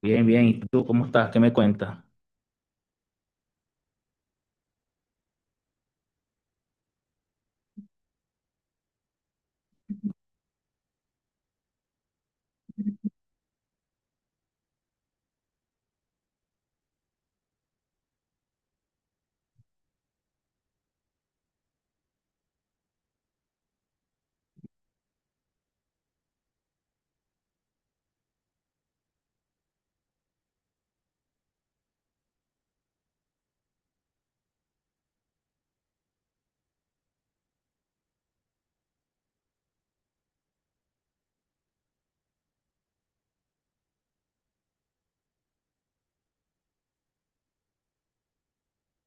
Bien, bien. ¿Y tú cómo estás? ¿Qué me cuentas?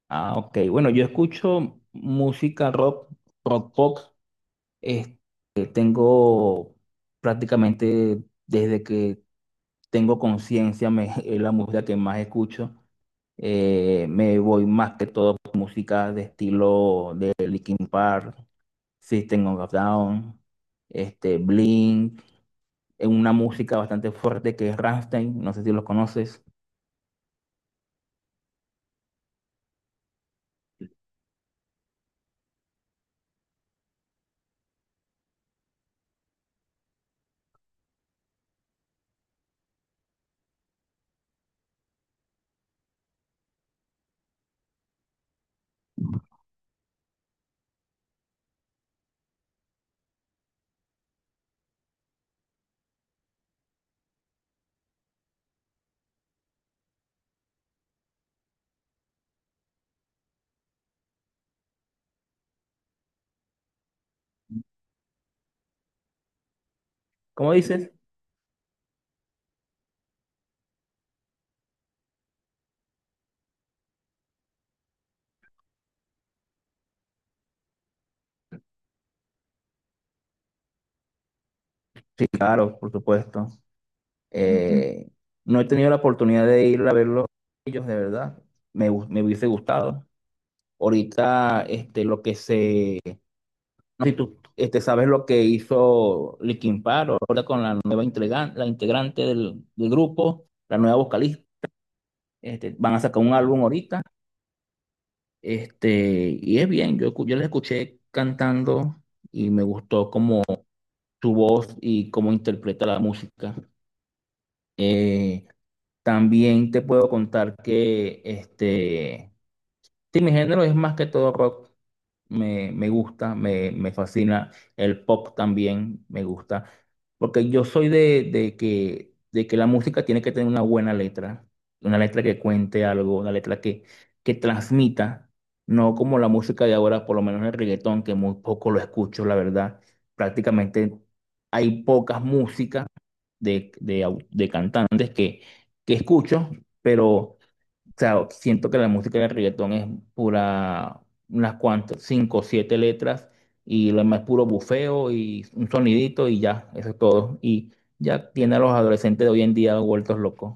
Ah, ok. Bueno, yo escucho música rock, rock pop. Este, Tengo prácticamente desde que tengo conciencia, es la música que más escucho. Me voy más que todo por música de estilo de Linkin Park, System of a Down, Blink. Es una música bastante fuerte que es Rammstein. No sé si los conoces. ¿Cómo dices? Sí, claro, por supuesto. Eh, no he tenido la oportunidad de ir a verlos ellos, de verdad. Me hubiese gustado. Ahorita, lo que se. No sé si tú sabes lo que hizo Linkin Park, ahora con la nueva integrante, la integrante del grupo, la nueva vocalista. Van a sacar un álbum ahorita. Y es bien, yo la escuché cantando y me gustó como su voz y cómo interpreta la música. Eh, También te puedo contar que sí, mi género es más que todo rock. Me gusta, me fascina. El pop también me gusta. Porque yo soy de que la música tiene que tener una buena letra. Una letra que cuente algo, una letra que transmita. No como la música de ahora, por lo menos el reggaetón, que muy poco lo escucho, la verdad. Prácticamente hay pocas músicas de cantantes que escucho, pero. O sea, siento que la música de reggaetón es pura, unas cuantas, cinco o siete letras, y lo demás es puro bufeo y un sonidito y ya, eso es todo. Y ya tiene a los adolescentes de hoy en día vueltos locos.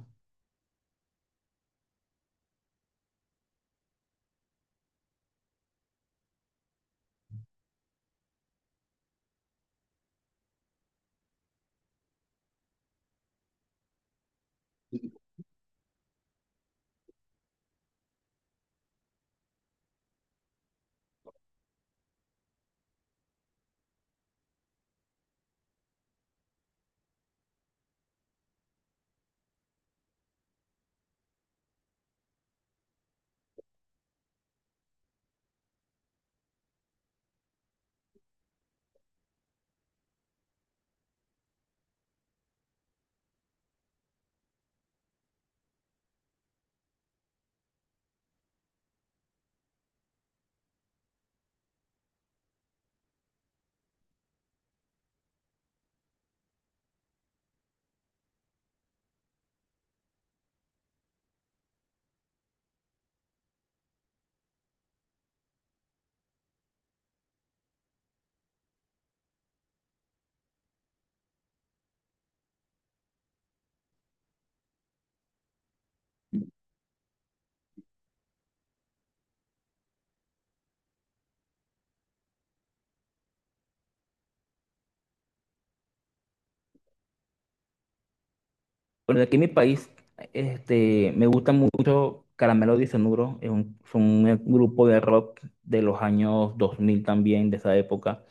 Bueno, aquí en mi país, me gusta mucho Caramelo de Cianuro, es un, son un grupo de rock de los años 2000 también, de esa época,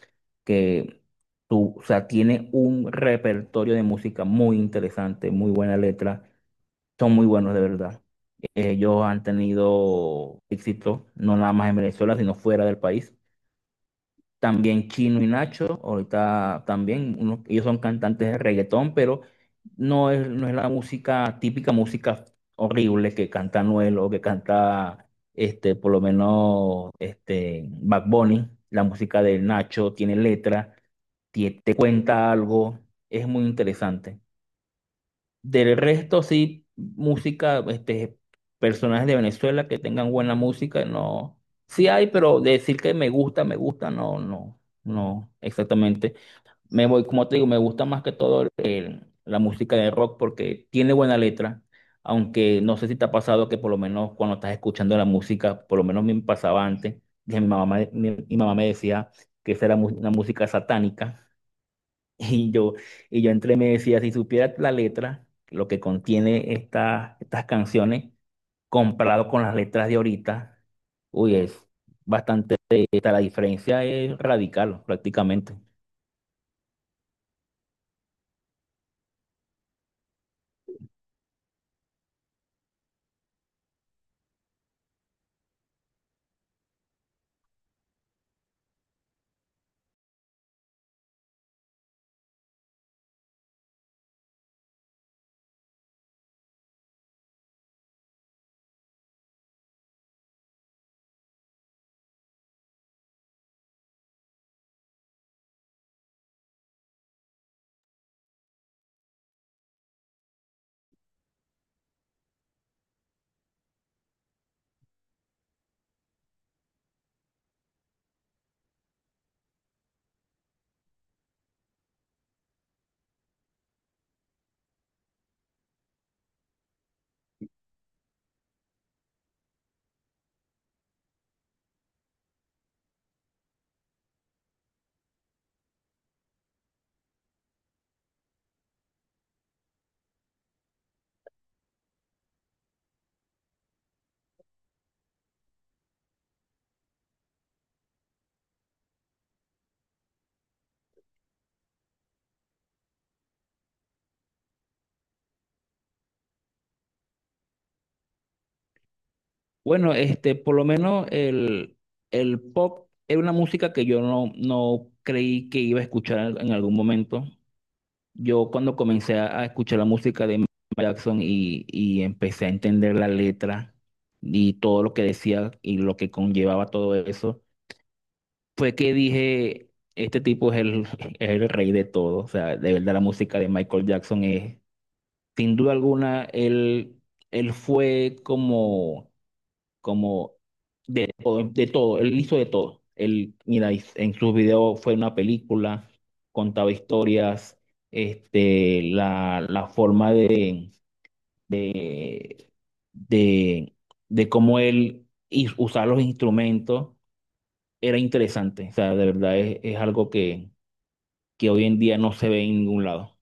que tú, o sea, tiene un repertorio de música muy interesante, muy buena letra, son muy buenos de verdad. Ellos han tenido éxito, no nada más en Venezuela, sino fuera del país. También Chino y Nacho, ahorita también, ellos son cantantes de reggaetón, pero no es, no es la música, típica música horrible que canta Anuel o que canta, por lo menos, Bad Bunny. La música de Nacho tiene letra, te cuenta algo, es muy interesante. Del resto, sí, música, personajes de Venezuela que tengan buena música, no. Sí hay, pero decir que me gusta, no, no, no, exactamente. Me voy, como te digo, me gusta más que todo la música de rock porque tiene buena letra, aunque no sé si te ha pasado que por lo menos cuando estás escuchando la música, por lo menos me pasaba antes, que mi mamá me decía que esa era una música satánica. Y yo, y yo entre me decía, si supieras la letra, lo que contiene estas canciones, comparado con las letras de ahorita, uy, es bastante, la diferencia es radical prácticamente. Bueno, por lo menos el pop era una música que yo no, no creí que iba a escuchar en algún momento. Yo cuando comencé a escuchar la música de Michael Jackson y empecé a entender la letra y todo lo que decía y lo que conllevaba todo eso, fue que dije, este tipo es el, es el rey de todo. O sea, de verdad la música de Michael Jackson es, sin duda alguna, él fue como, como de todo, él hizo de todo. Él, mira, en sus videos fue una película, contaba historias, la forma de, de, de cómo él usaba los instrumentos era interesante. O sea, de verdad es algo que hoy en día no se ve en ningún lado.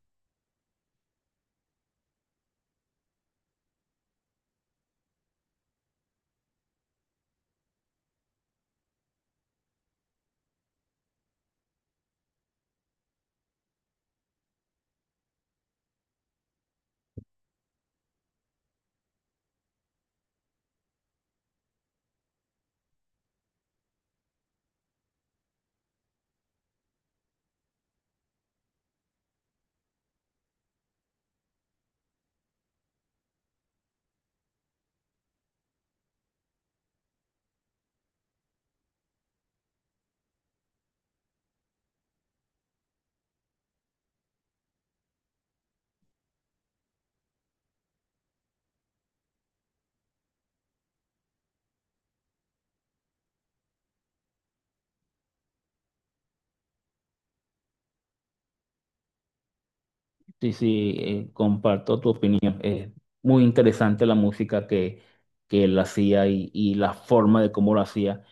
Sí, sí, comparto tu opinión. Es muy interesante la música que él hacía y la forma de cómo lo hacía.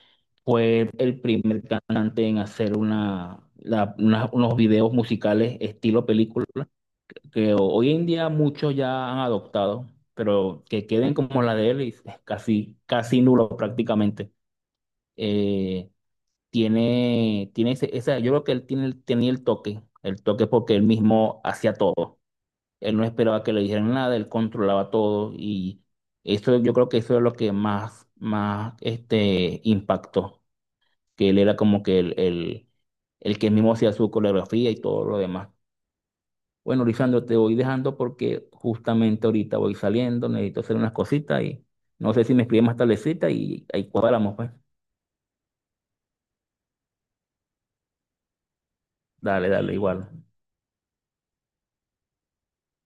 Fue el primer cantante en hacer unos videos musicales estilo película, que hoy en día muchos ya han adoptado, pero que queden como la de él y es casi, casi nulo prácticamente. Eh, Tiene, tiene yo creo que él tiene, tenía el toque porque él mismo hacía todo. Él no esperaba que le dijeran nada, él controlaba todo y eso yo creo que eso es lo que más, más impactó, que él era como que el que mismo hacía su coreografía y todo lo demás. Bueno, Lisandro, te voy dejando porque justamente ahorita voy saliendo, necesito hacer unas cositas y no sé si me escribes más tardecita y ahí cuadramos, pues. Dale, dale, igual.